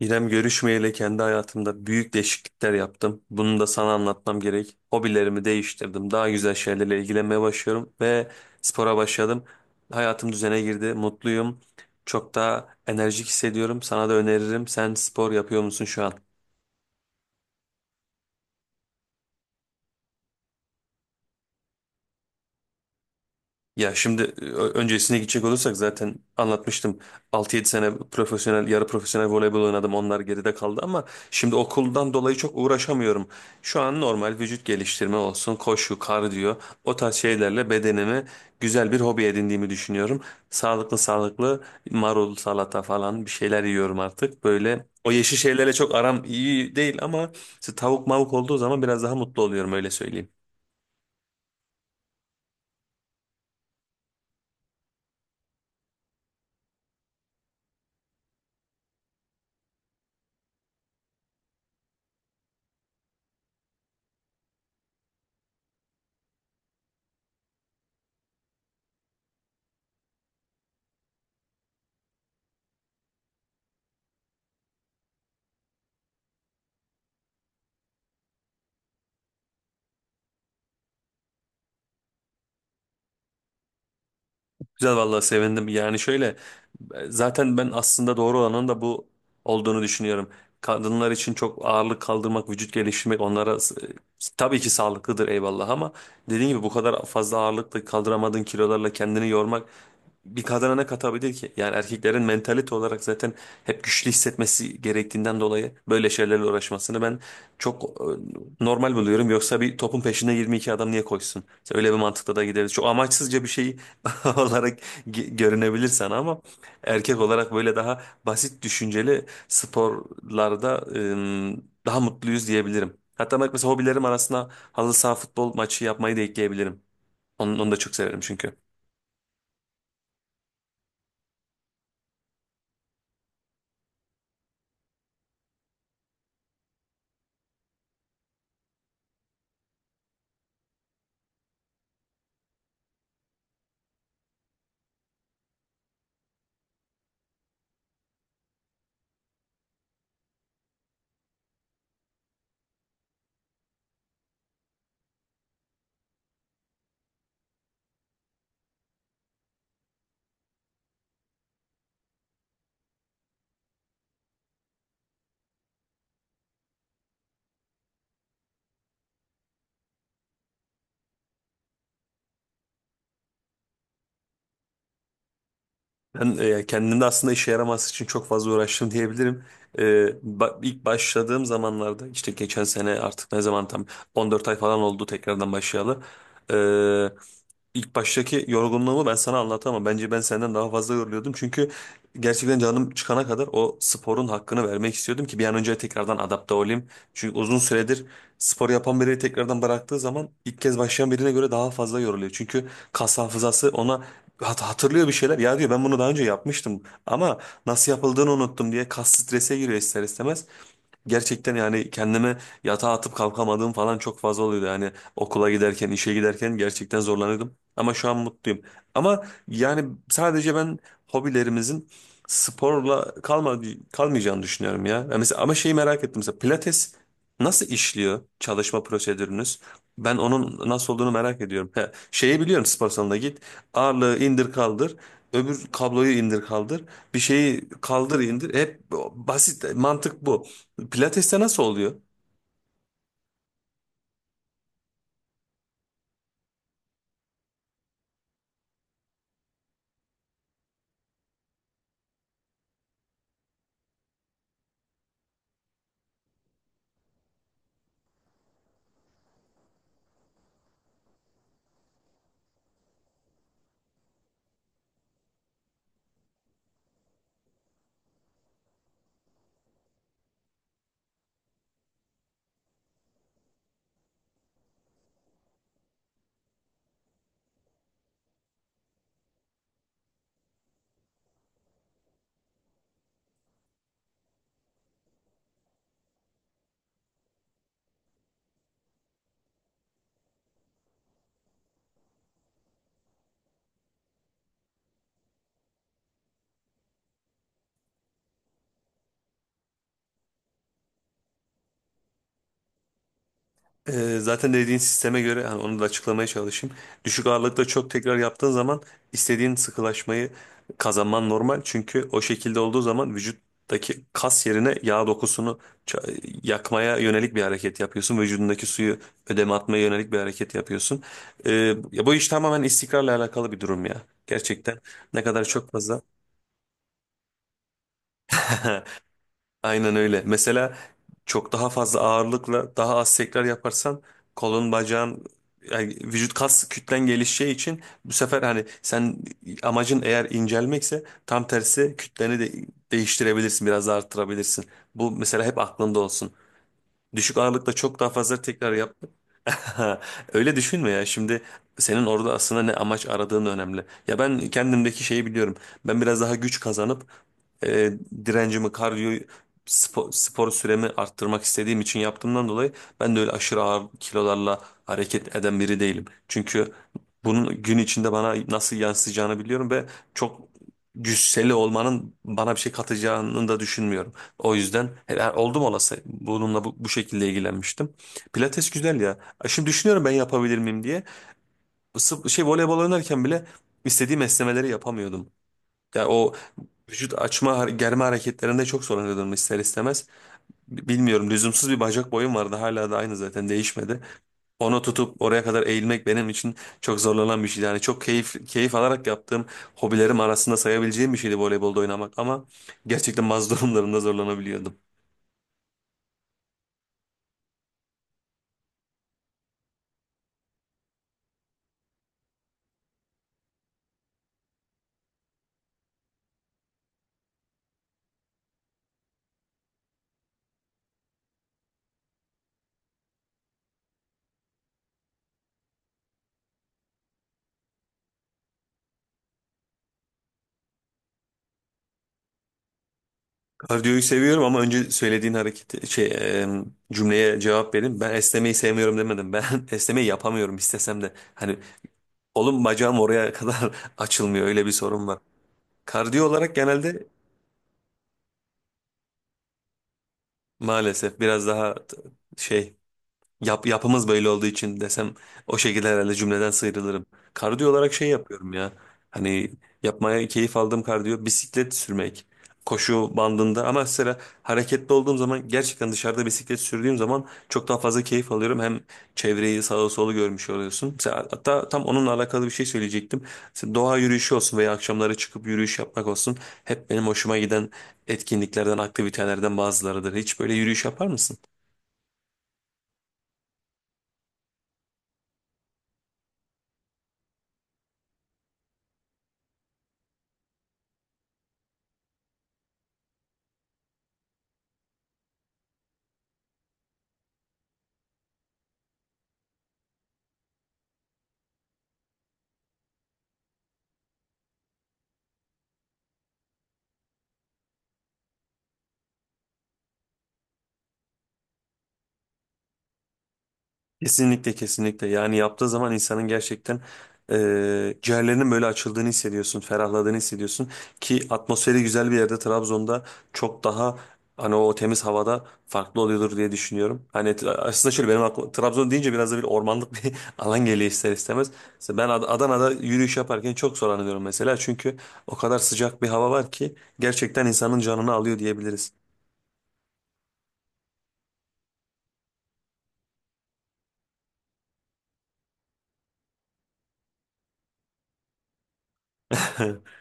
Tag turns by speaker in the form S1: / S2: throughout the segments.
S1: İrem görüşmeyeli kendi hayatımda büyük değişiklikler yaptım. Bunu da sana anlatmam gerek. Hobilerimi değiştirdim. Daha güzel şeylerle ilgilenmeye başlıyorum ve spora başladım. Hayatım düzene girdi. Mutluyum. Çok daha enerjik hissediyorum. Sana da öneririm. Sen spor yapıyor musun şu an? Ya şimdi öncesine gidecek olursak zaten anlatmıştım. Altı yedi sene profesyonel, yarı profesyonel voleybol oynadım. Onlar geride kaldı ama şimdi okuldan dolayı çok uğraşamıyorum. Şu an normal vücut geliştirme olsun, koşu, kardiyo o tarz şeylerle bedenimi güzel bir hobi edindiğimi düşünüyorum. Sağlıklı sağlıklı marul, salata falan bir şeyler yiyorum artık. Böyle o yeşil şeylerle çok aram iyi değil ama işte tavuk mavuk olduğu zaman biraz daha mutlu oluyorum öyle söyleyeyim. Güzel vallahi sevindim. Yani şöyle zaten ben aslında doğru olanın da bu olduğunu düşünüyorum. Kadınlar için çok ağırlık kaldırmak, vücut geliştirmek onlara tabii ki sağlıklıdır, eyvallah, ama dediğim gibi bu kadar fazla ağırlıkla, kaldıramadığın kilolarla kendini yormak bir kadına ne katabilir ki? Yani erkeklerin mentalite olarak zaten hep güçlü hissetmesi gerektiğinden dolayı böyle şeylerle uğraşmasını ben çok normal buluyorum. Yoksa bir topun peşine 22 adam niye koşsun? İşte öyle bir mantıkla da gideriz. Çok amaçsızca bir şey olarak görünebilir sana ama erkek olarak böyle daha basit düşünceli sporlarda daha mutluyuz diyebilirim. Hatta bak mesela hobilerim arasında halı saha futbol maçı yapmayı da ekleyebilirim. Onu, onu da çok severim çünkü. Ben kendimde aslında işe yaramaz için çok fazla uğraştım diyebilirim. E, ilk başladığım zamanlarda, işte geçen sene, artık ne zaman, tam 14 ay falan oldu tekrardan başlayalı. E, ilk baştaki yorgunluğumu ben sana anlatamam. Bence ben senden daha fazla yoruluyordum. Çünkü gerçekten canım çıkana kadar o sporun hakkını vermek istiyordum ki bir an önce tekrardan adapte olayım. Çünkü uzun süredir spor yapan biri tekrardan bıraktığı zaman ilk kez başlayan birine göre daha fazla yoruluyor. Çünkü kas hafızası ona hatırlıyor bir şeyler. Ya diyor, ben bunu daha önce yapmıştım ama nasıl yapıldığını unuttum diye kas strese giriyor ister istemez. Gerçekten yani kendime yatağa atıp kalkamadığım falan çok fazla oluyordu. Yani okula giderken, işe giderken gerçekten zorlanıyordum. Ama şu an mutluyum. Ama yani sadece ben hobilerimizin sporla kalmayacağını düşünüyorum ya. Ya mesela, ama şeyi merak ettim. Mesela Pilates nasıl işliyor, çalışma prosedürünüz? Ben onun nasıl olduğunu merak ediyorum. He, şeyi biliyorum, spor salonuna git. Ağırlığı indir kaldır. Öbür kabloyu indir kaldır. Bir şeyi kaldır indir. Hep basit mantık bu. Pilates'te nasıl oluyor? Zaten dediğin sisteme göre yani onu da açıklamaya çalışayım. Düşük ağırlıkta çok tekrar yaptığın zaman istediğin sıkılaşmayı kazanman normal. Çünkü o şekilde olduğu zaman vücuttaki kas yerine yağ dokusunu yakmaya yönelik bir hareket yapıyorsun. Vücudundaki suyu ödeme atmaya yönelik bir hareket yapıyorsun. Ee, Ya bu iş tamamen istikrarla alakalı bir durum ya. Gerçekten ne kadar çok fazla. Aynen öyle. Mesela çok daha fazla ağırlıkla daha az tekrar yaparsan kolun, bacağın yani vücut kas kütlen gelişeceği için bu sefer, hani sen, amacın eğer incelmekse, tam tersi kütleni de değiştirebilirsin, biraz da arttırabilirsin. Bu mesela hep aklında olsun: düşük ağırlıkta çok daha fazla tekrar yapmak. Öyle düşünme ya. Şimdi senin orada aslında ne amaç aradığın önemli. Ya ben kendimdeki şeyi biliyorum. Ben biraz daha güç kazanıp e, direncimi, kardiyoyu, spor, spor süremi arttırmak istediğim için yaptığımdan dolayı ben de öyle aşırı ağır kilolarla hareket eden biri değilim. Çünkü bunun gün içinde bana nasıl yansıyacağını biliyorum ve çok cüsseli olmanın bana bir şey katacağını da düşünmüyorum. O yüzden yani oldum olası bununla bu, bu şekilde ilgilenmiştim. Pilates güzel ya. Şimdi düşünüyorum, ben yapabilir miyim diye. Voleybol oynarken bile istediğim esnemeleri yapamıyordum. Yani o vücut açma, germe hareketlerinde çok zorlanıyordum ister istemez. Bilmiyorum, lüzumsuz bir bacak boyum vardı. Hala da aynı, zaten değişmedi. Onu tutup oraya kadar eğilmek benim için çok zorlanan bir şeydi. Yani çok keyif keyif alarak yaptığım hobilerim arasında sayabileceğim bir şeydi voleybolda oynamak ama gerçekten bazı durumlarında zorlanabiliyordum. Kardiyoyu seviyorum ama önce söylediğin hareket, e, cümleye cevap vereyim. Ben esnemeyi sevmiyorum demedim. Ben esnemeyi yapamıyorum istesem de. Hani oğlum, bacağım oraya kadar açılmıyor, öyle bir sorun var. Kardiyo olarak genelde maalesef biraz daha şey yapımız böyle olduğu için desem, o şekilde herhalde cümleden sıyrılırım. Kardiyo olarak şey yapıyorum ya. Hani yapmaya keyif aldığım kardiyo, bisiklet sürmek. Koşu bandında ama, mesela hareketli olduğum zaman, gerçekten dışarıda bisiklet sürdüğüm zaman çok daha fazla keyif alıyorum. Hem çevreyi sağa sola görmüş oluyorsun. Mesela, hatta tam onunla alakalı bir şey söyleyecektim. Mesela doğa yürüyüşü olsun veya akşamları çıkıp yürüyüş yapmak olsun, hep benim hoşuma giden etkinliklerden, aktivitelerden bazılarıdır. Hiç böyle yürüyüş yapar mısın? Kesinlikle kesinlikle, yani yaptığı zaman insanın gerçekten ciğerlerinin böyle açıldığını hissediyorsun, ferahladığını hissediyorsun ki atmosferi güzel bir yerde, Trabzon'da, çok daha, hani o temiz havada farklı oluyordur diye düşünüyorum. Hani aslında şöyle, benim aklıma Trabzon deyince biraz da bir ormanlık bir alan geliyor ister istemez. Mesela ben Adana'da yürüyüş yaparken çok zorlanıyorum mesela, çünkü o kadar sıcak bir hava var ki gerçekten insanın canını alıyor diyebiliriz.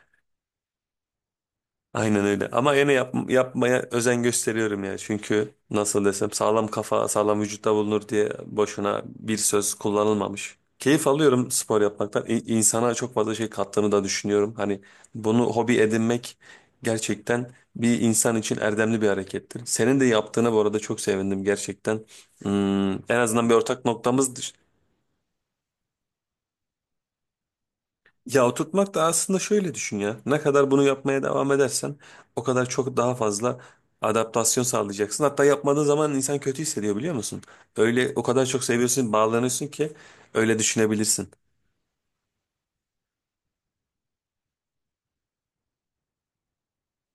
S1: Aynen öyle. Ama yine yapmaya özen gösteriyorum ya. Çünkü nasıl desem, sağlam kafa sağlam vücutta bulunur diye boşuna bir söz kullanılmamış. Keyif alıyorum spor yapmaktan. İnsana çok fazla şey kattığını da düşünüyorum. Hani bunu hobi edinmek gerçekten bir insan için erdemli bir harekettir. Senin de yaptığına bu arada çok sevindim gerçekten. En azından bir ortak noktamız. Ya, oturtmak da aslında, şöyle düşün ya, ne kadar bunu yapmaya devam edersen o kadar çok daha fazla adaptasyon sağlayacaksın. Hatta yapmadığın zaman insan kötü hissediyor, biliyor musun? Öyle o kadar çok seviyorsun, bağlanıyorsun ki öyle düşünebilirsin.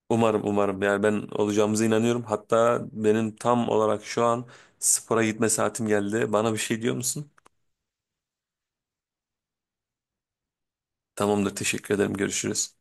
S1: Umarım umarım, yani ben olacağımıza inanıyorum. Hatta benim tam olarak şu an spora gitme saatim geldi. Bana bir şey diyor musun? Tamamdır, teşekkür ederim, görüşürüz.